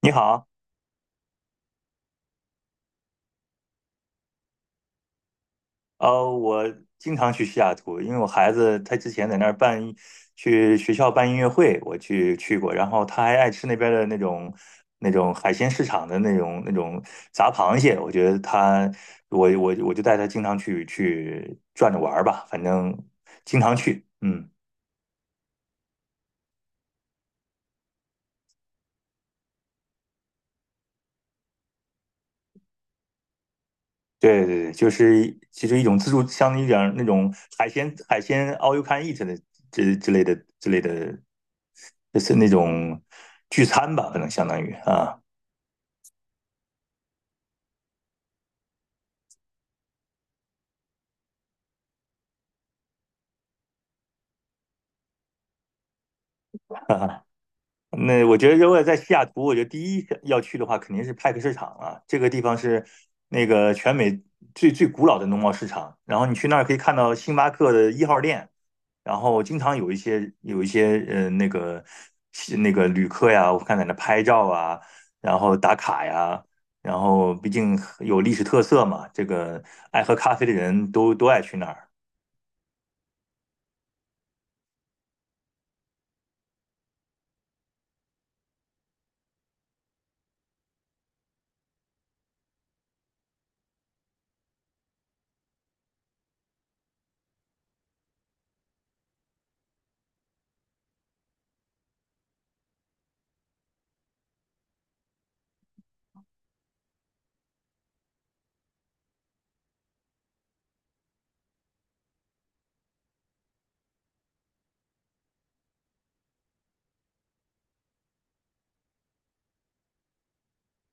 你好。我经常去西雅图，因为我孩子他之前在那儿去学校办音乐会，我去过，然后他还爱吃那边的那种海鲜市场的那种炸螃蟹。我觉得他我我我就带他经常去转着玩儿吧，反正经常去，嗯，对对对，就是其实一种自助，相当于点那种海鲜 all you can eat 的这之类的之类的，就是那种聚餐吧，可能相当于啊。那我觉得，如果在西雅图，我觉得第一要去的话，肯定是派克市场啊。这个地方是那个全美最古老的农贸市场。然后你去那儿可以看到星巴克的一号店，然后经常有一些那个旅客呀，我看在那拍照啊，然后打卡呀。然后毕竟有历史特色嘛，这个爱喝咖啡的人都爱去那儿。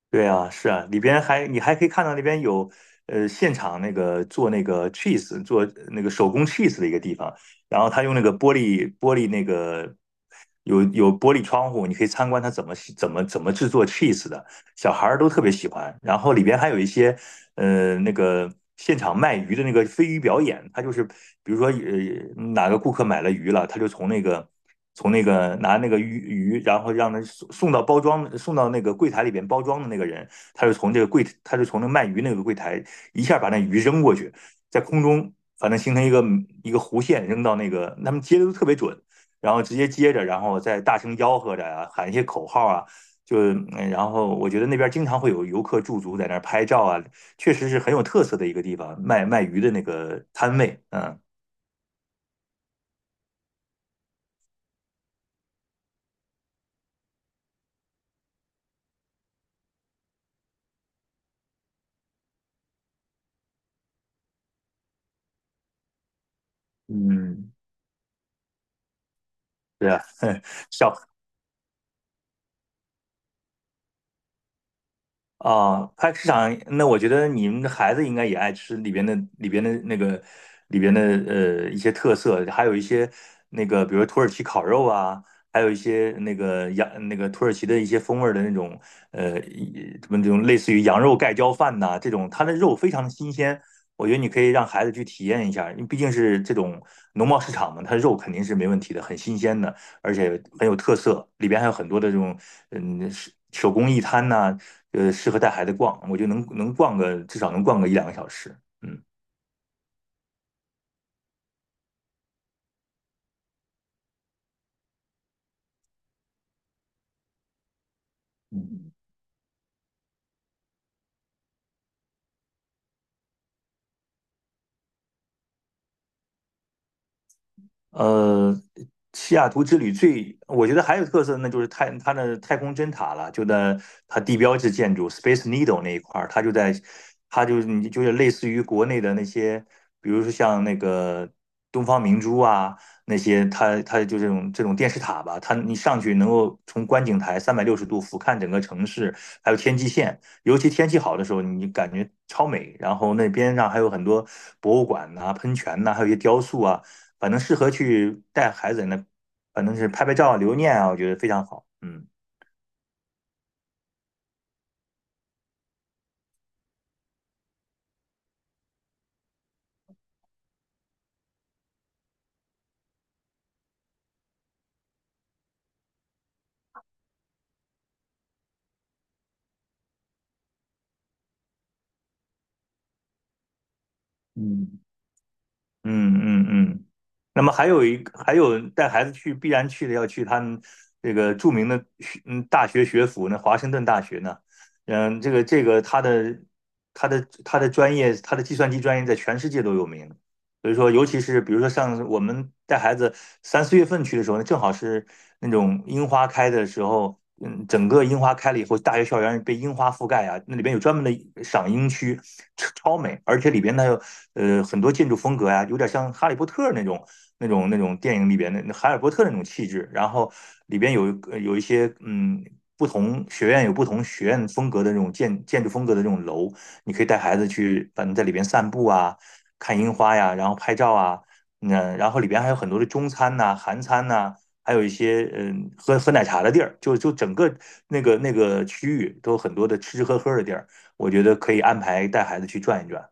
对啊，是啊，里边还你还可以看到那边有现场那个做那个手工 cheese 的一个地方，然后他用那个玻璃玻璃那个有玻璃窗户，你可以参观他怎么制作 cheese 的。小孩儿都特别喜欢。然后里边还有一些那个现场卖鱼的那个飞鱼表演。他就是比如说呃哪个顾客买了鱼了，他就从那个拿那个鱼，然后让他送到包装送到那个柜台里边包装的那个人，他就从那卖鱼那个柜台一下把那鱼扔过去，在空中。反正形成一个弧线，扔到那个，他们接的都特别准，然后直接接着，然后再大声吆喝着啊，喊一些口号啊，就然后我觉得那边经常会有游客驻足在那儿拍照啊，确实是很有特色的一个地方，卖鱼的那个摊位。嗯嗯，对啊。小菜市场，那我觉得你们的孩子应该也爱吃里边的一些特色，还有一些那个，比如土耳其烤肉啊，还有一些那个那个土耳其的一些风味儿的那种呃一什么这种类似于羊肉盖浇饭呐、这种它的肉非常的新鲜，我觉得你可以让孩子去体验一下，因为毕竟是这种农贸市场嘛，它肉肯定是没问题的，很新鲜的。而且很有特色，里边还有很多的这种手工艺摊呐、呃，适合带孩子逛，我就能逛个至少能逛个一两个小时，嗯。嗯呃，西雅图之旅最，我觉得还有特色，那就是它的太空针塔了，就在它地标式建筑 Space Needle 那一块儿。它就在，它就你就是类似于国内的那些，比如说像那个东方明珠啊那些，它就这种电视塔吧，它你上去能够从观景台360度俯瞰整个城市，还有天际线，尤其天气好的时候，你感觉超美。然后那边上还有很多博物馆呐、喷泉呐、还有一些雕塑啊。反正适合去带孩子那，反正是拍拍照留念啊，我觉得非常好。嗯嗯，嗯嗯嗯。那么还有一个还有带孩子去必然去的要去他们这个著名的大学学府呢，华盛顿大学呢。嗯，这个他的他的专业，他的计算机专业在全世界都有名，所以说，尤其是比如说像我们带孩子三四月份去的时候，那正好是那种樱花开的时候。嗯，整个樱花开了以后，大学校园被樱花覆盖啊，那里边有专门的赏樱区，超美，而且里边它有很多建筑风格呀、啊有点像哈利波特那种那种电影里边的那海尔波特那种气质，然后里边有有一些。不同学院有不同学院风格的这种建筑风格的这种楼，你可以带孩子去，反正在里边散步啊，看樱花呀，然后拍照啊。嗯，然后里边还有很多的中餐呐、韩餐呐、还有一些喝喝奶茶的地儿，就整个那个区域都有很多的吃吃喝喝的地儿，我觉得可以安排带孩子去转一转。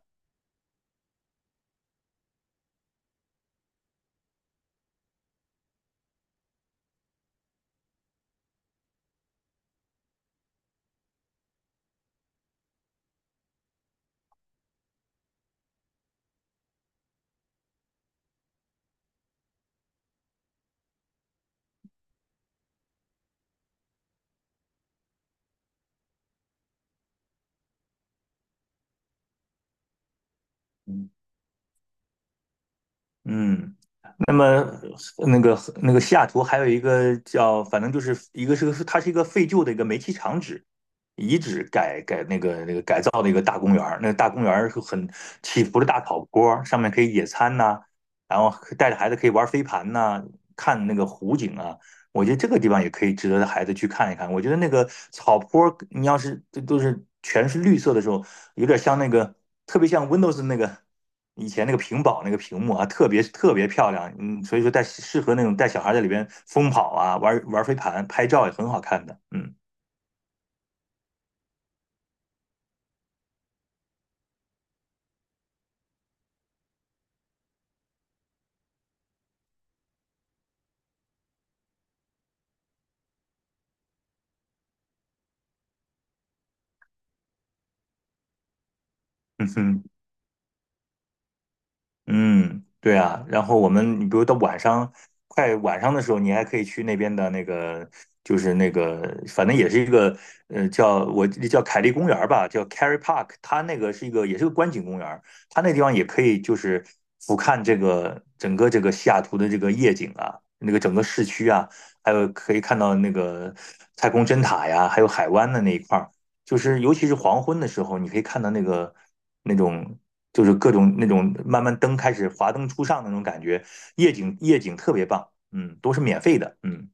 嗯嗯。那么那个那个西雅图还有一个叫，反正就是一个是个它是一个废旧的一个煤气厂址遗址改改那个那个改造的一个大公园儿是很起伏的大草坡，上面可以野餐呐、然后带着孩子可以玩飞盘呐、看那个湖景啊，我觉得这个地方也可以值得孩子去看一看。我觉得那个草坡你要是这都是全是绿色的时候，有点像那个，特别像 Windows 那个以前那个屏保那个屏幕啊，特别特别漂亮。嗯，所以说带适合那种带小孩在里边疯跑啊，玩玩飞盘、拍照也很好看的。嗯嗯哼。嗯，对啊，然后我们，你比如到晚上，快晚上的时候，你还可以去那边的那个，就是那个，反正也是一个，呃，叫我叫凯利公园儿吧，叫 Kerry Park,它那个是一个，也是个观景公园儿，它那地方也可以就是俯瞰这个整个这个西雅图的这个夜景啊，那个整个市区啊，还有可以看到那个太空针塔呀，还有海湾的那一块儿。就是尤其是黄昏的时候，你可以看到那个那种就是各种那种慢慢灯开始华灯初上的那种感觉，夜景特别棒，嗯，都是免费的，嗯。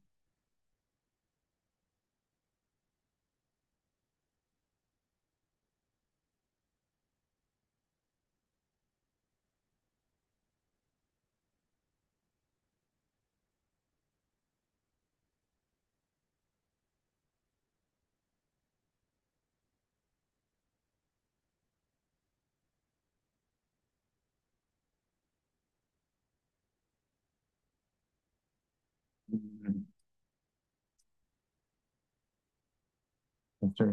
嗯，对，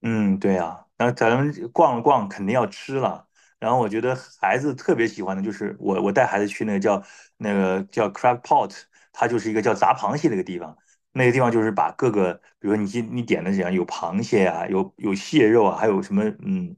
嗯，对呀，然后咱们逛了逛，肯定要吃了。然后我觉得孩子特别喜欢的就是我，带孩子去那个叫 crab pot。它就是一个叫砸螃蟹的一个地方。那个地方就是把各个，比如说你点的怎样，有螃蟹啊，有蟹肉啊，还有什么嗯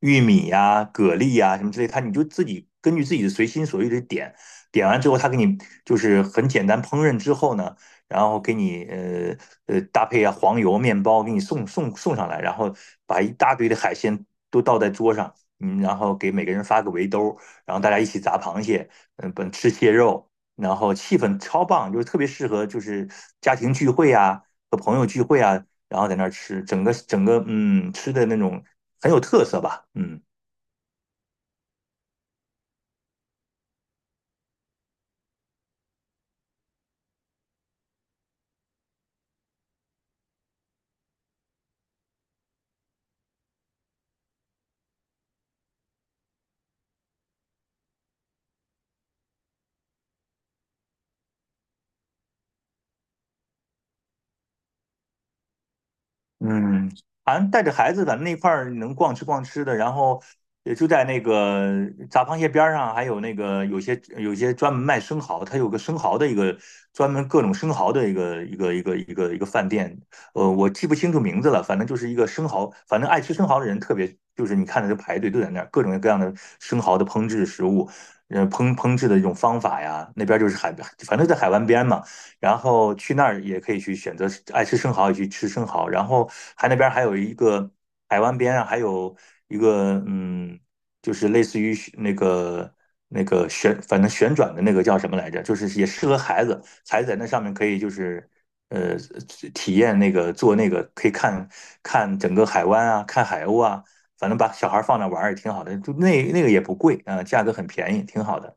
玉米呀、蛤蜊呀、什么之类，它你就自己根据自己的随心所欲的点，点完之后，他给你就是很简单烹饪之后呢。然后给你搭配啊黄油面包给你送上来，然后把一大堆的海鲜都倒在桌上，嗯，然后给每个人发个围兜，然后大家一起砸螃蟹，嗯，本吃蟹肉，然后气氛超棒，就是特别适合就是家庭聚会啊和朋友聚会啊，然后在那儿吃，整个吃的那种很有特色吧，嗯。嗯，反正带着孩子，咱们那块儿能逛吃逛吃的，然后也就在那个杂螃蟹边儿上，还有那个有些专门卖生蚝，它有个生蚝的一个专门各种生蚝的一个饭店，呃，我记不清楚名字了，反正就是一个生蚝，反正爱吃生蚝的人特别，就是你看的就排队都在那儿，各种各样的生蚝的烹制食物，呃，烹制的一种方法呀，那边就是海边，反正在海湾边嘛。然后去那儿也可以去选择爱吃生蚝也去吃生蚝，然后还那边还有一个海湾边上还有一个嗯，就是类似于那个反正旋转的那个叫什么来着，就是也适合孩子，孩子在那上面可以就是呃体验那个做那个可以看看整个海湾啊，看海鸥啊，反正把小孩放那玩儿也挺好的，就那那个也不贵啊，价格很便宜，挺好的。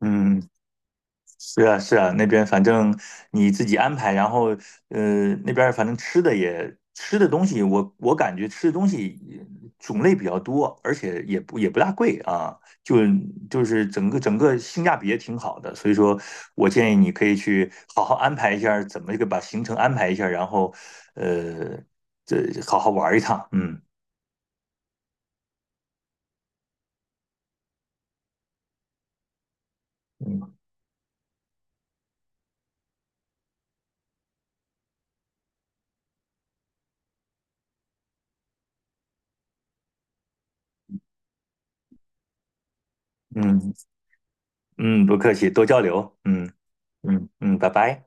嗯，是啊，是啊，那边反正你自己安排，然后呃，那边反正吃的也吃的东西，我我感觉吃的东西种类比较多，而且也不大贵啊，就就是整个性价比也挺好的，所以说我建议你可以去好好安排一下怎么一个把行程安排一下然后呃，这好好玩一趟，嗯嗯嗯嗯，不客气，多交流，嗯嗯嗯，拜拜。